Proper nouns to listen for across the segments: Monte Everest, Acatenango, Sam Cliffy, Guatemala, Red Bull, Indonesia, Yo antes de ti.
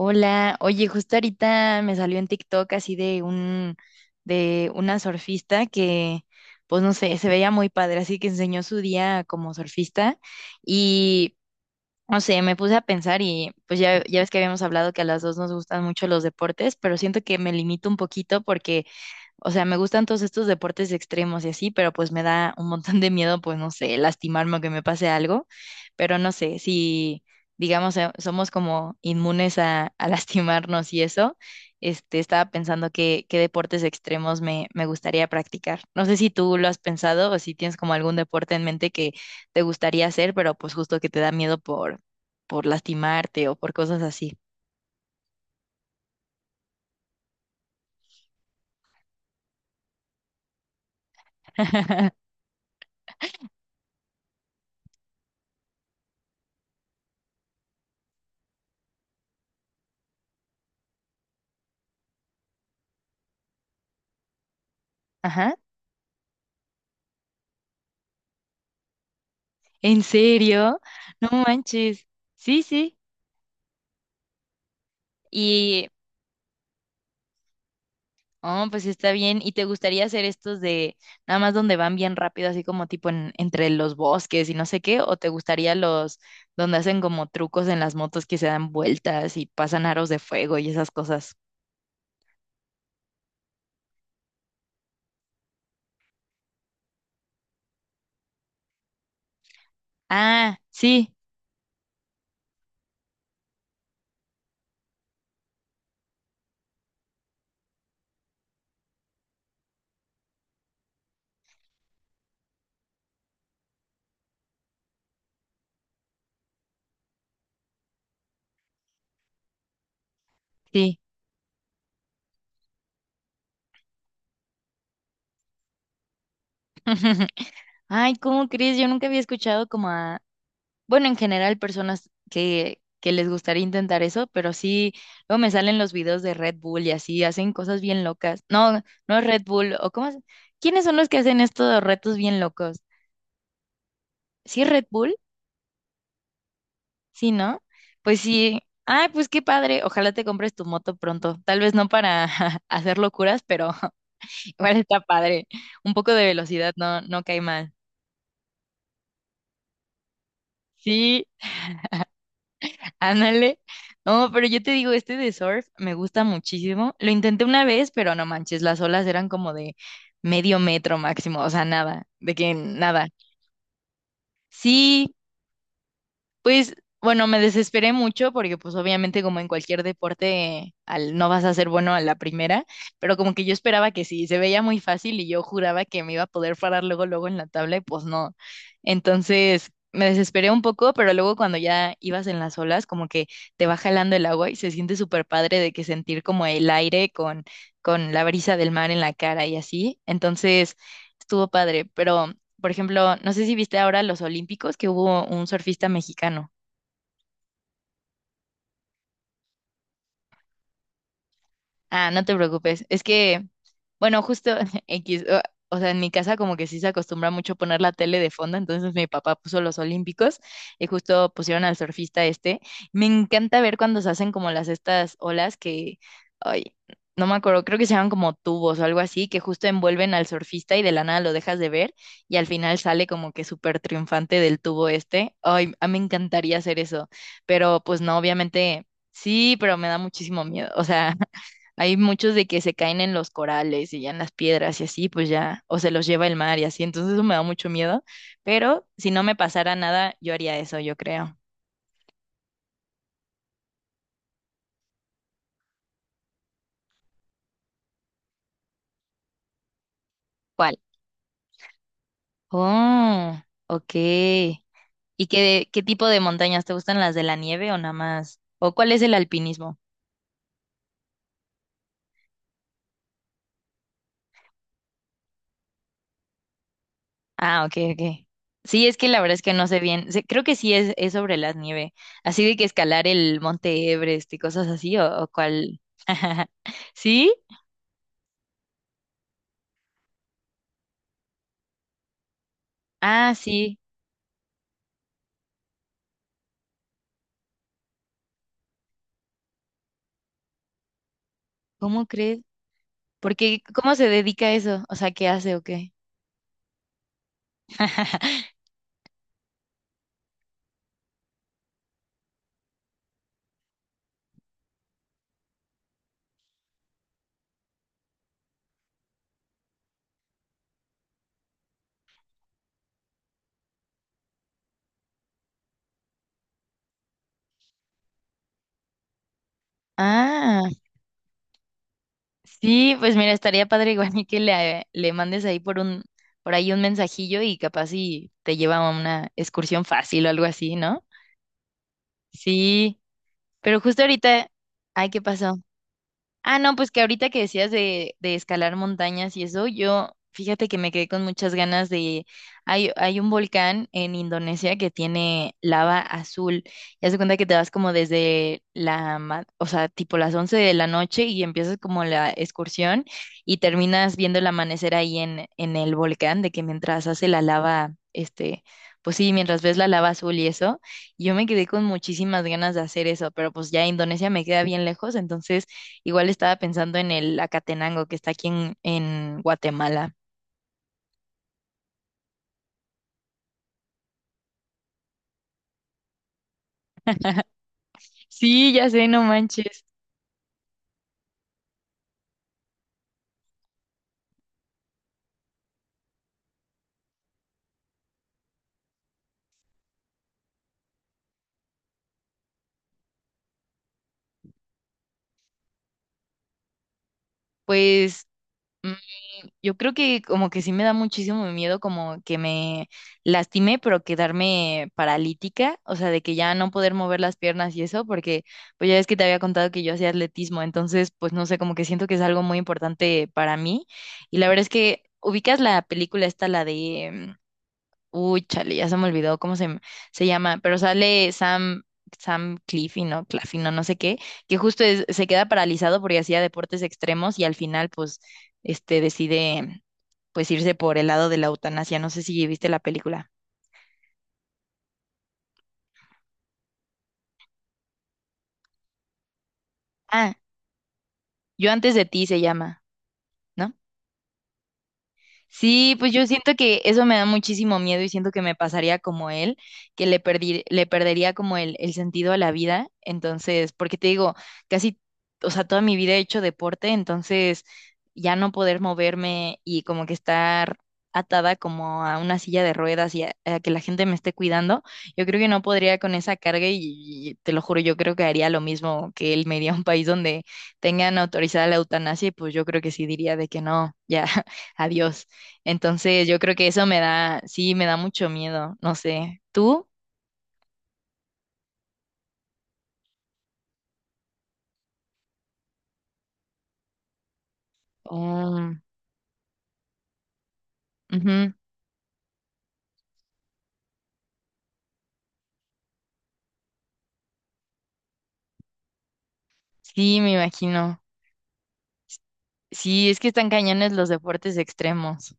Hola, oye, justo ahorita me salió en TikTok así de un de una surfista que pues no sé, se veía muy padre, así que enseñó su día como surfista y no sé, me puse a pensar y pues ya ves que habíamos hablado que a las dos nos gustan mucho los deportes, pero siento que me limito un poquito porque o sea, me gustan todos estos deportes extremos y así, pero pues me da un montón de miedo, pues no sé, lastimarme o que me pase algo, pero no sé, si digamos somos como inmunes a, lastimarnos y eso, este, estaba pensando qué deportes extremos me gustaría practicar. No sé si tú lo has pensado o si tienes como algún deporte en mente que te gustaría hacer, pero pues justo que te da miedo por lastimarte o por cosas así. Ajá. ¿En serio? No manches. Sí, sí. Y, oh, pues sí está bien. ¿Y te gustaría hacer estos de nada más donde van bien rápido, así como tipo entre los bosques y no sé qué? ¿O te gustaría los donde hacen como trucos en las motos que se dan vueltas y pasan aros de fuego y esas cosas? Ah, sí, sí. Ay, ¿cómo crees? Yo nunca había escuchado como bueno, en general, personas que les gustaría intentar eso, pero sí, luego me salen los videos de Red Bull y así, hacen cosas bien locas. No, no es Red Bull, o cómo es- ¿Quiénes son los que hacen estos retos bien locos? ¿Sí es Red Bull? Sí, ¿no? Pues sí. Ay, pues qué padre. Ojalá te compres tu moto pronto. Tal vez no para hacer locuras, pero igual está padre. Un poco de velocidad no, no cae mal. Sí. Ándale. No, pero yo te digo, este de surf me gusta muchísimo. Lo intenté una vez, pero no manches, las olas eran como de medio metro máximo, o sea, nada, de que nada. Sí, pues bueno, me desesperé mucho porque pues obviamente como en cualquier deporte no vas a ser bueno a la primera, pero como que yo esperaba que sí, se veía muy fácil y yo juraba que me iba a poder parar luego luego en la tabla y pues no. Entonces me desesperé un poco, pero luego cuando ya ibas en las olas como que te va jalando el agua y se siente súper padre de que sentir como el aire con, la brisa del mar en la cara y así. Entonces estuvo padre, pero... Por ejemplo, no sé si viste ahora los Olímpicos que hubo un surfista mexicano. Ah, no te preocupes. Es que, bueno, justo X, o sea, en mi casa como que sí se acostumbra mucho poner la tele de fondo, entonces mi papá puso los Olímpicos y justo pusieron al surfista este. Me encanta ver cuando se hacen como las estas olas que, ay, no me acuerdo, creo que se llaman como tubos o algo así, que justo envuelven al surfista y de la nada lo dejas de ver y al final sale como que súper triunfante del tubo este. Ay, a mí me encantaría hacer eso, pero pues no, obviamente sí, pero me da muchísimo miedo, o sea. Hay muchos de que se caen en los corales y ya en las piedras y así, pues ya, o se los lleva el mar y así, entonces eso me da mucho miedo, pero si no me pasara nada, yo haría eso, yo creo. ¿Cuál? Oh, ok. ¿Y qué, tipo de montañas? ¿Te gustan las de la nieve o nada más? ¿O cuál es el alpinismo? Ah, ok, ok. Sí, es que la verdad es que no sé bien. Sé- Creo que sí es, sobre la nieve. Así de que escalar el Monte Everest y cosas así, o cuál. ¿Sí? Ah, sí. ¿Cómo crees? Porque, ¿cómo se dedica a eso? O sea, ¿qué hace o qué? Ah, sí, pues mira, estaría padre igual y que le, mandes ahí por ahí un mensajillo y capaz y te lleva a una excursión fácil o algo así, ¿no? Sí, pero justo ahorita, ay, ¿qué pasó? Ah, no, pues que ahorita que decías de escalar montañas y eso, yo fíjate que me quedé con muchas ganas de... Hay un volcán en Indonesia que tiene lava azul. Ya se cuenta que te vas como desde la... O sea, tipo las 11 de la noche y empiezas como la excursión y terminas viendo el amanecer ahí en, el volcán, de que mientras hace la lava, este... Pues sí, mientras ves la lava azul y eso, yo me quedé con muchísimas ganas de hacer eso, pero pues ya Indonesia me queda bien lejos, entonces... Igual estaba pensando en el Acatenango que está aquí en Guatemala. Sí, ya sé, no manches. Pues mm, yo creo que como que sí me da muchísimo miedo como que me lastime, pero quedarme paralítica, o sea, de que ya no poder mover las piernas y eso, porque pues ya es que te había contado que yo hacía atletismo, entonces pues no sé, como que siento que es algo muy importante para mí. Y la verdad es que ubicas la película esta, la de Uy, chale, ya se me olvidó cómo se llama, pero sale Sam Cliffy, ¿no? Claffy, no, no sé qué, que justo es- se queda paralizado porque hacía deportes extremos y al final, pues, este, decide, pues, irse por el lado de la eutanasia. No sé si viste la película. Ah, Yo antes de ti se llama, ¿no? Sí, pues yo siento que eso me da muchísimo miedo y siento que me pasaría como él, que le perdería como el, sentido a la vida. Entonces, porque te digo, casi, o sea, toda mi vida he hecho deporte, entonces ya no poder moverme y como que estar atada como a una silla de ruedas y a que la gente me esté cuidando, yo creo que no podría con esa carga y te lo juro, yo creo que haría lo mismo que él me iría a un país donde tengan autorizada la eutanasia y pues yo creo que sí diría de que no, ya, adiós. Entonces yo creo que eso me da, sí, me da mucho miedo, no sé. ¿Tú? Oh, ujú. Sí, me imagino. Sí, es que están cañones los deportes extremos.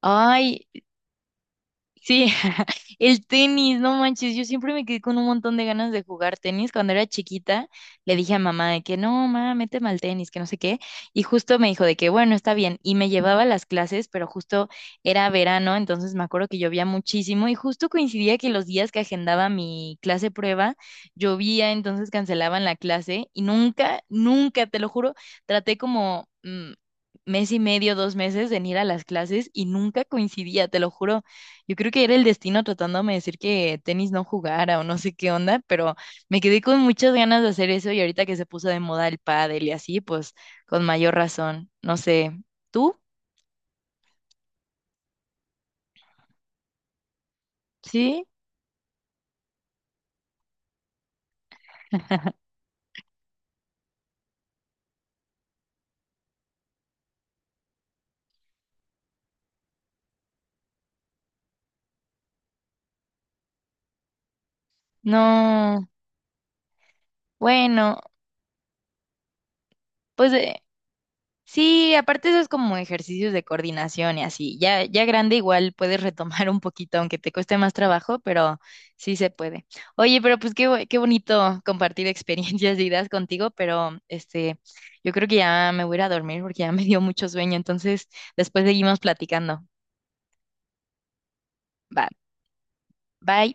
Ay, sí, el tenis, no manches, yo siempre me quedé con un montón de ganas de jugar tenis. Cuando era chiquita, le dije a mamá de que no, mamá, méteme al tenis, que no sé qué. Y justo me dijo de que bueno, está bien. Y me llevaba a las clases, pero justo era verano, entonces me acuerdo que llovía muchísimo y justo coincidía que los días que agendaba mi clase prueba, llovía, entonces cancelaban la clase y nunca, nunca, te lo juro, traté como... mes y medio, 2 meses en ir a las clases y nunca coincidía, te lo juro. Yo creo que era el destino tratándome de decir que tenis no jugara o no sé qué onda, pero me quedé con muchas ganas de hacer eso y ahorita que se puso de moda el pádel y así, pues con mayor razón. No sé, ¿tú? ¿Sí? No, bueno, pues sí, aparte eso es como ejercicios de coordinación y así. Ya, ya grande igual puedes retomar un poquito, aunque te cueste más trabajo, pero sí se puede. Oye, pero pues qué bonito compartir experiencias y ideas contigo, pero este, yo creo que ya me voy a ir a dormir porque ya me dio mucho sueño, entonces después seguimos platicando. Va, bye.